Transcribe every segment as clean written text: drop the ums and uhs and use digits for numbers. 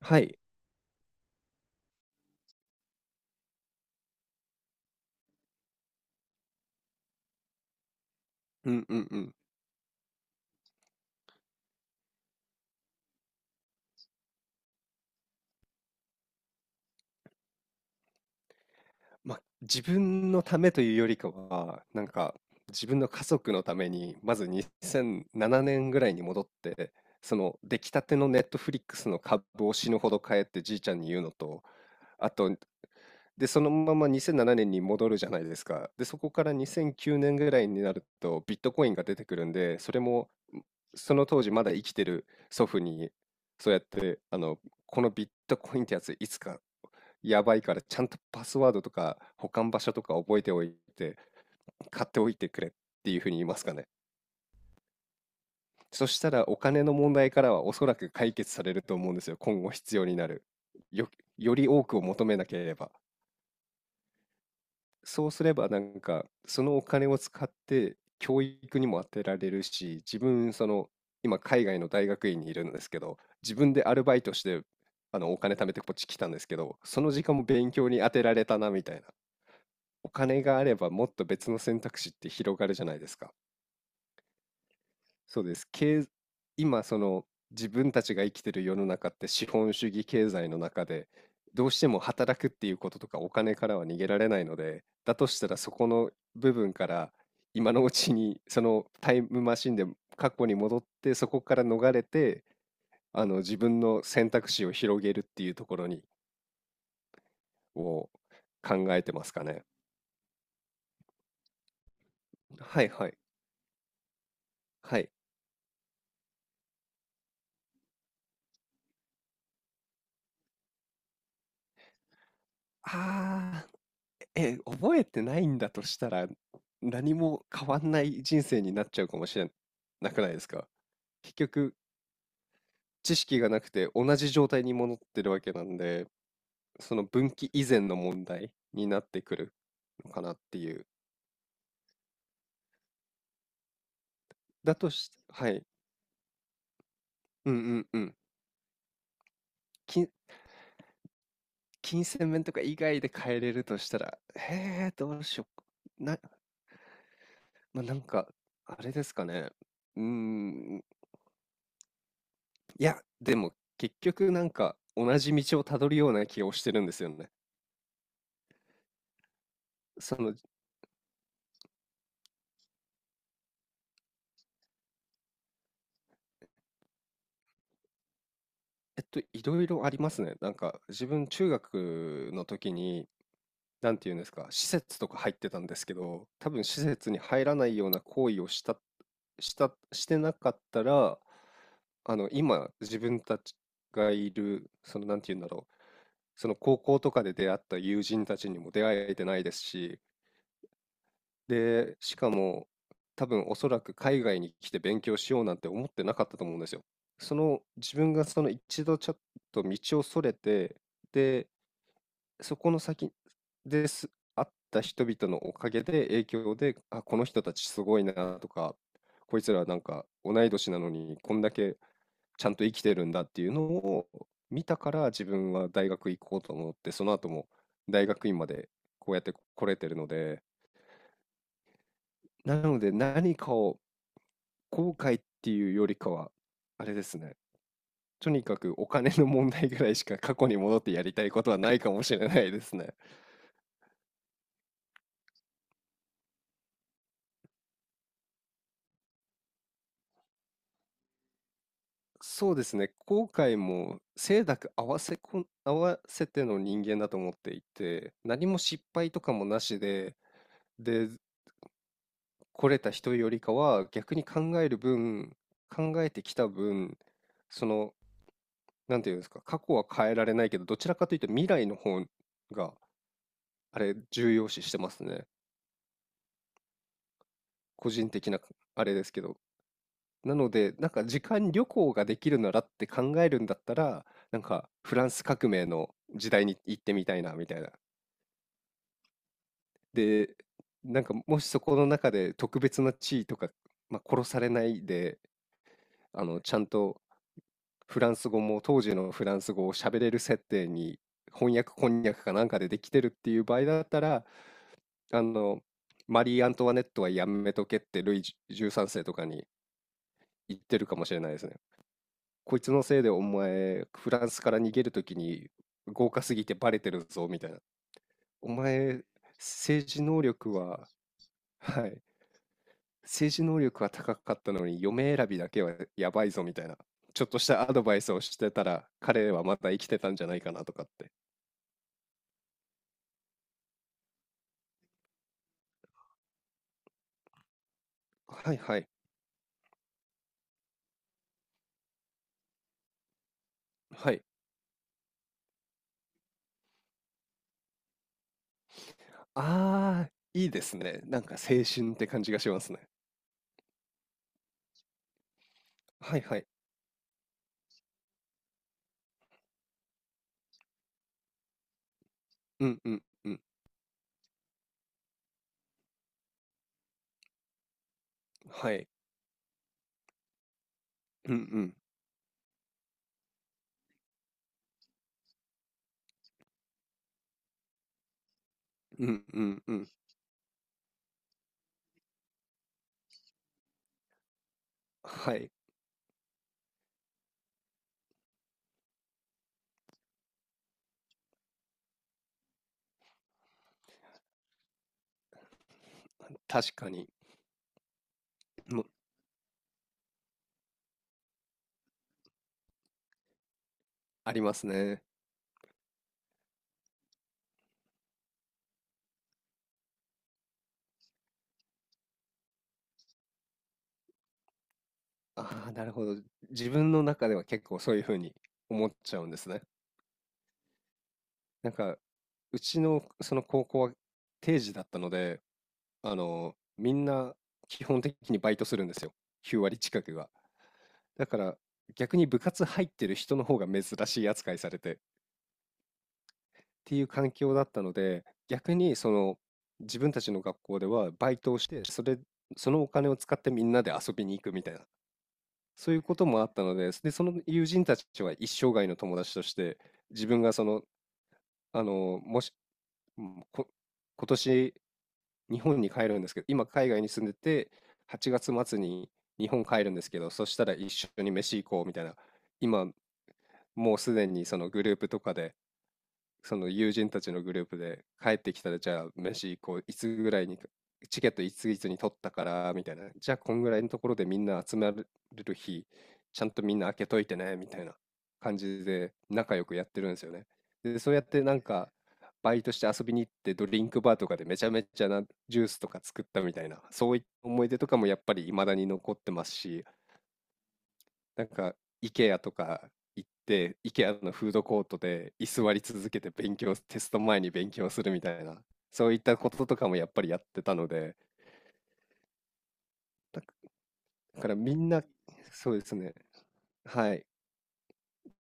はい。うんうんうん。まあ、自分のためというよりかは、なんか、自分の家族のために、まず2007年ぐらいに戻って、その出来たてのネットフリックスの株を死ぬほど買えってじいちゃんに言うのと、あと、で、そのまま2007年に戻るじゃないですか。で、そこから2009年ぐらいになると、ビットコインが出てくるんで、それも、その当時まだ生きてる祖父に、そうやって、このビットコインってやついつかやばいからちゃんとパスワードとか保管場所とか覚えておいて買っておいてくれっていうふうに言いますかね。そしたらお金の問題からはおそらく解決されると思うんですよ。今後必要になる。よ、より多くを求めなければ。そうすればなんかそのお金を使って教育にも当てられるし、自分今海外の大学院にいるんですけど、自分でアルバイトしてお金貯めてこっち来たんですけど、その時間も勉強に当てられたなみたいな。お金があればもっと別の選択肢って広がるじゃないですか。そうです。今その自分たちが生きてる世の中って資本主義経済の中でどうしても働くっていうこととかお金からは逃げられないので、だとしたらそこの部分から今のうちにそのタイムマシンで過去に戻ってそこから逃れて自分の選択肢を広げるっていうところを考えてますかね。はいはいはい。ああ。え、覚えてないんだとしたら、何も変わんない人生になっちゃうかもしれなくないですか？結局、知識がなくて同じ状態に戻ってるわけなんで、その分岐以前の問題になってくるのかなっていう。だとしはい。うんうんうん。金、金銭面とか以外で変えれるとしたら、へえ、どうしよう。まあ、なんか、あれですかね。うーん、いや、でも結局なんか同じ道をたどるような気をしてるんですよね。その、いろいろありますね。なんか自分中学の時に、なんていうんですか、施設とか入ってたんですけど、多分施設に入らないような行為をしてなかったら、今自分たちがいる、なんていうんだろう、その高校とかで出会った友人たちにも出会えてないですし、で、しかも、多分おそらく海外に来て勉強しようなんて思ってなかったと思うんですよ。自分がその一度ちょっと道をそれて、で、そこの先です、会った人々のおかげで影響で、あ、この人たちすごいなとか、こいつらなんか同い年なのにこんだけちゃんと生きてるんだっていうのを見たから自分は大学行こうと思って、その後も大学院までこうやって来れてるので、なので何かを後悔っていうよりかは、あれですね。とにかくお金の問題ぐらいしか過去に戻ってやりたいことはないかもしれないですね。そうですね。後悔も清濁合わせての人間だと思っていて、何も失敗とかもなしで、来れた人よりかは逆に考える分、考えてきた分、その、なんていうんですか、過去は変えられないけど、どちらかというと未来の方が、重要視してますね。個人的なあれですけど。なので、なんか時間旅行ができるならって考えるんだったら、なんかフランス革命の時代に行ってみたいなみたいな。で、なんかもしそこの中で特別な地位とか、まあ、殺されないで、ちゃんとフランス語も当時のフランス語を喋れる設定に翻訳こんにゃくかなんかでできてるっていう場合だったら、あの、マリー・アントワネットはやめとけってルイ13世とかに言ってるかもしれないですね。こいつのせいでお前、フランスから逃げるときに豪華すぎてバレてるぞ、みたいな。お前、政治能力は、はい、政治能力は高かったのに、嫁選びだけはやばいぞ、みたいな。ちょっとしたアドバイスをしてたら、彼はまた生きてたんじゃないかなとかって。はいはい、はい。あー、いいですね。なんか青春って感じがしますね。はいはい。うんうんうん。はい。うんうん。うんうんうん。はい。確かに。もありますね。ああ、なるほど。自分の中では結構そういう風に思っちゃうんですね。なんか、うちのその高校は定時だったので、みんな基本的にバイトするんですよ。9割近くが。だから逆に部活入ってる人の方が珍しい扱いされてっていう環境だったので、逆にその自分たちの学校ではバイトをして、そのお金を使ってみんなで遊びに行くみたいな、そういうこともあったので、で、その友人たちは一生涯の友達として、自分がその、あの、もし、うん、こ今年日本に帰るんですけど、今海外に住んでて、8月末に日本帰るんですけど、そしたら一緒に飯行こうみたいな、今もうすでにそのグループとかで、その友人たちのグループで、帰ってきたらじゃあ飯行こう、いつぐらいにチケットいついつに取ったからみたいな、じゃあこんぐらいのところでみんな集まれる日ちゃんとみんな開けといてねみたいな感じで仲良くやってるんですよね。でそうやってなんかバイトして遊びに行って、ドリンクバーとかでめちゃめちゃなジュースとか作ったみたいな、そういった思い出とかもやっぱり未だに残ってますし、なんか、IKEA とか行って、IKEA のフードコートで居座り続けてテスト前に勉強するみたいな、そういったこととかもやっぱりやってたので、だだからみんな、そうですね。はい。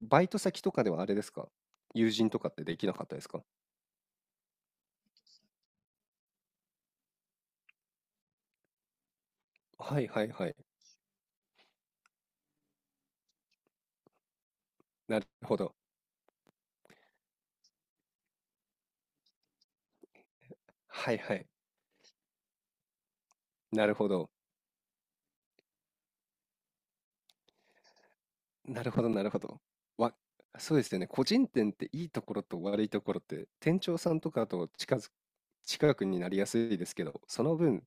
バイト先とかではあれですか？友人とかってできなかったですか？はいはいはい。なるほど。はいはい。なるほど。なるほどなるほど。わそうですよね。個人店っていいところと悪いところって、店長さんとかと近くになりやすいですけど、その分、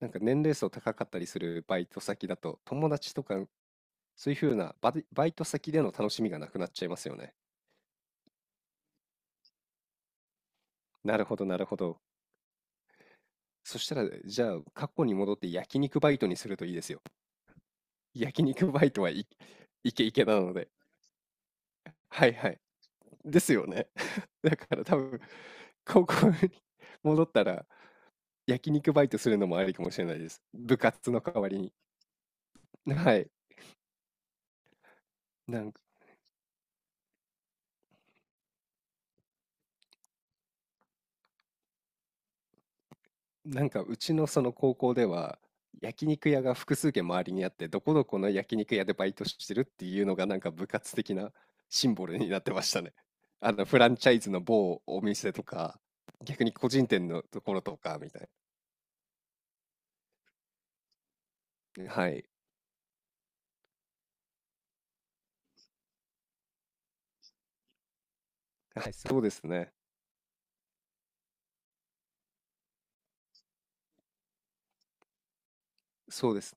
なんか年齢層高かったりするバイト先だと、友達とか、そういう風なバイト先での楽しみがなくなっちゃいますよね。なるほどなるほど。そしたら、じゃあ、過去に戻って焼肉バイトにするといいですよ。焼肉バイト、はい、イケイケなので。はいはい。ですよね。だから多分、高校に戻ったら、焼肉バイトするのもありかもしれないです。部活の代わりに。はい。なんかなんかうちのその高校では、焼肉屋が複数軒周りにあって、どこどこの焼肉屋でバイトしてるっていうのがなんか部活的なシンボルになってましたね。あのフランチャイズの某お店とか、逆に個人店のところとかみたいな。はい。はい、そうですね。そうです。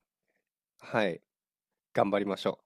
はい。頑張りましょう。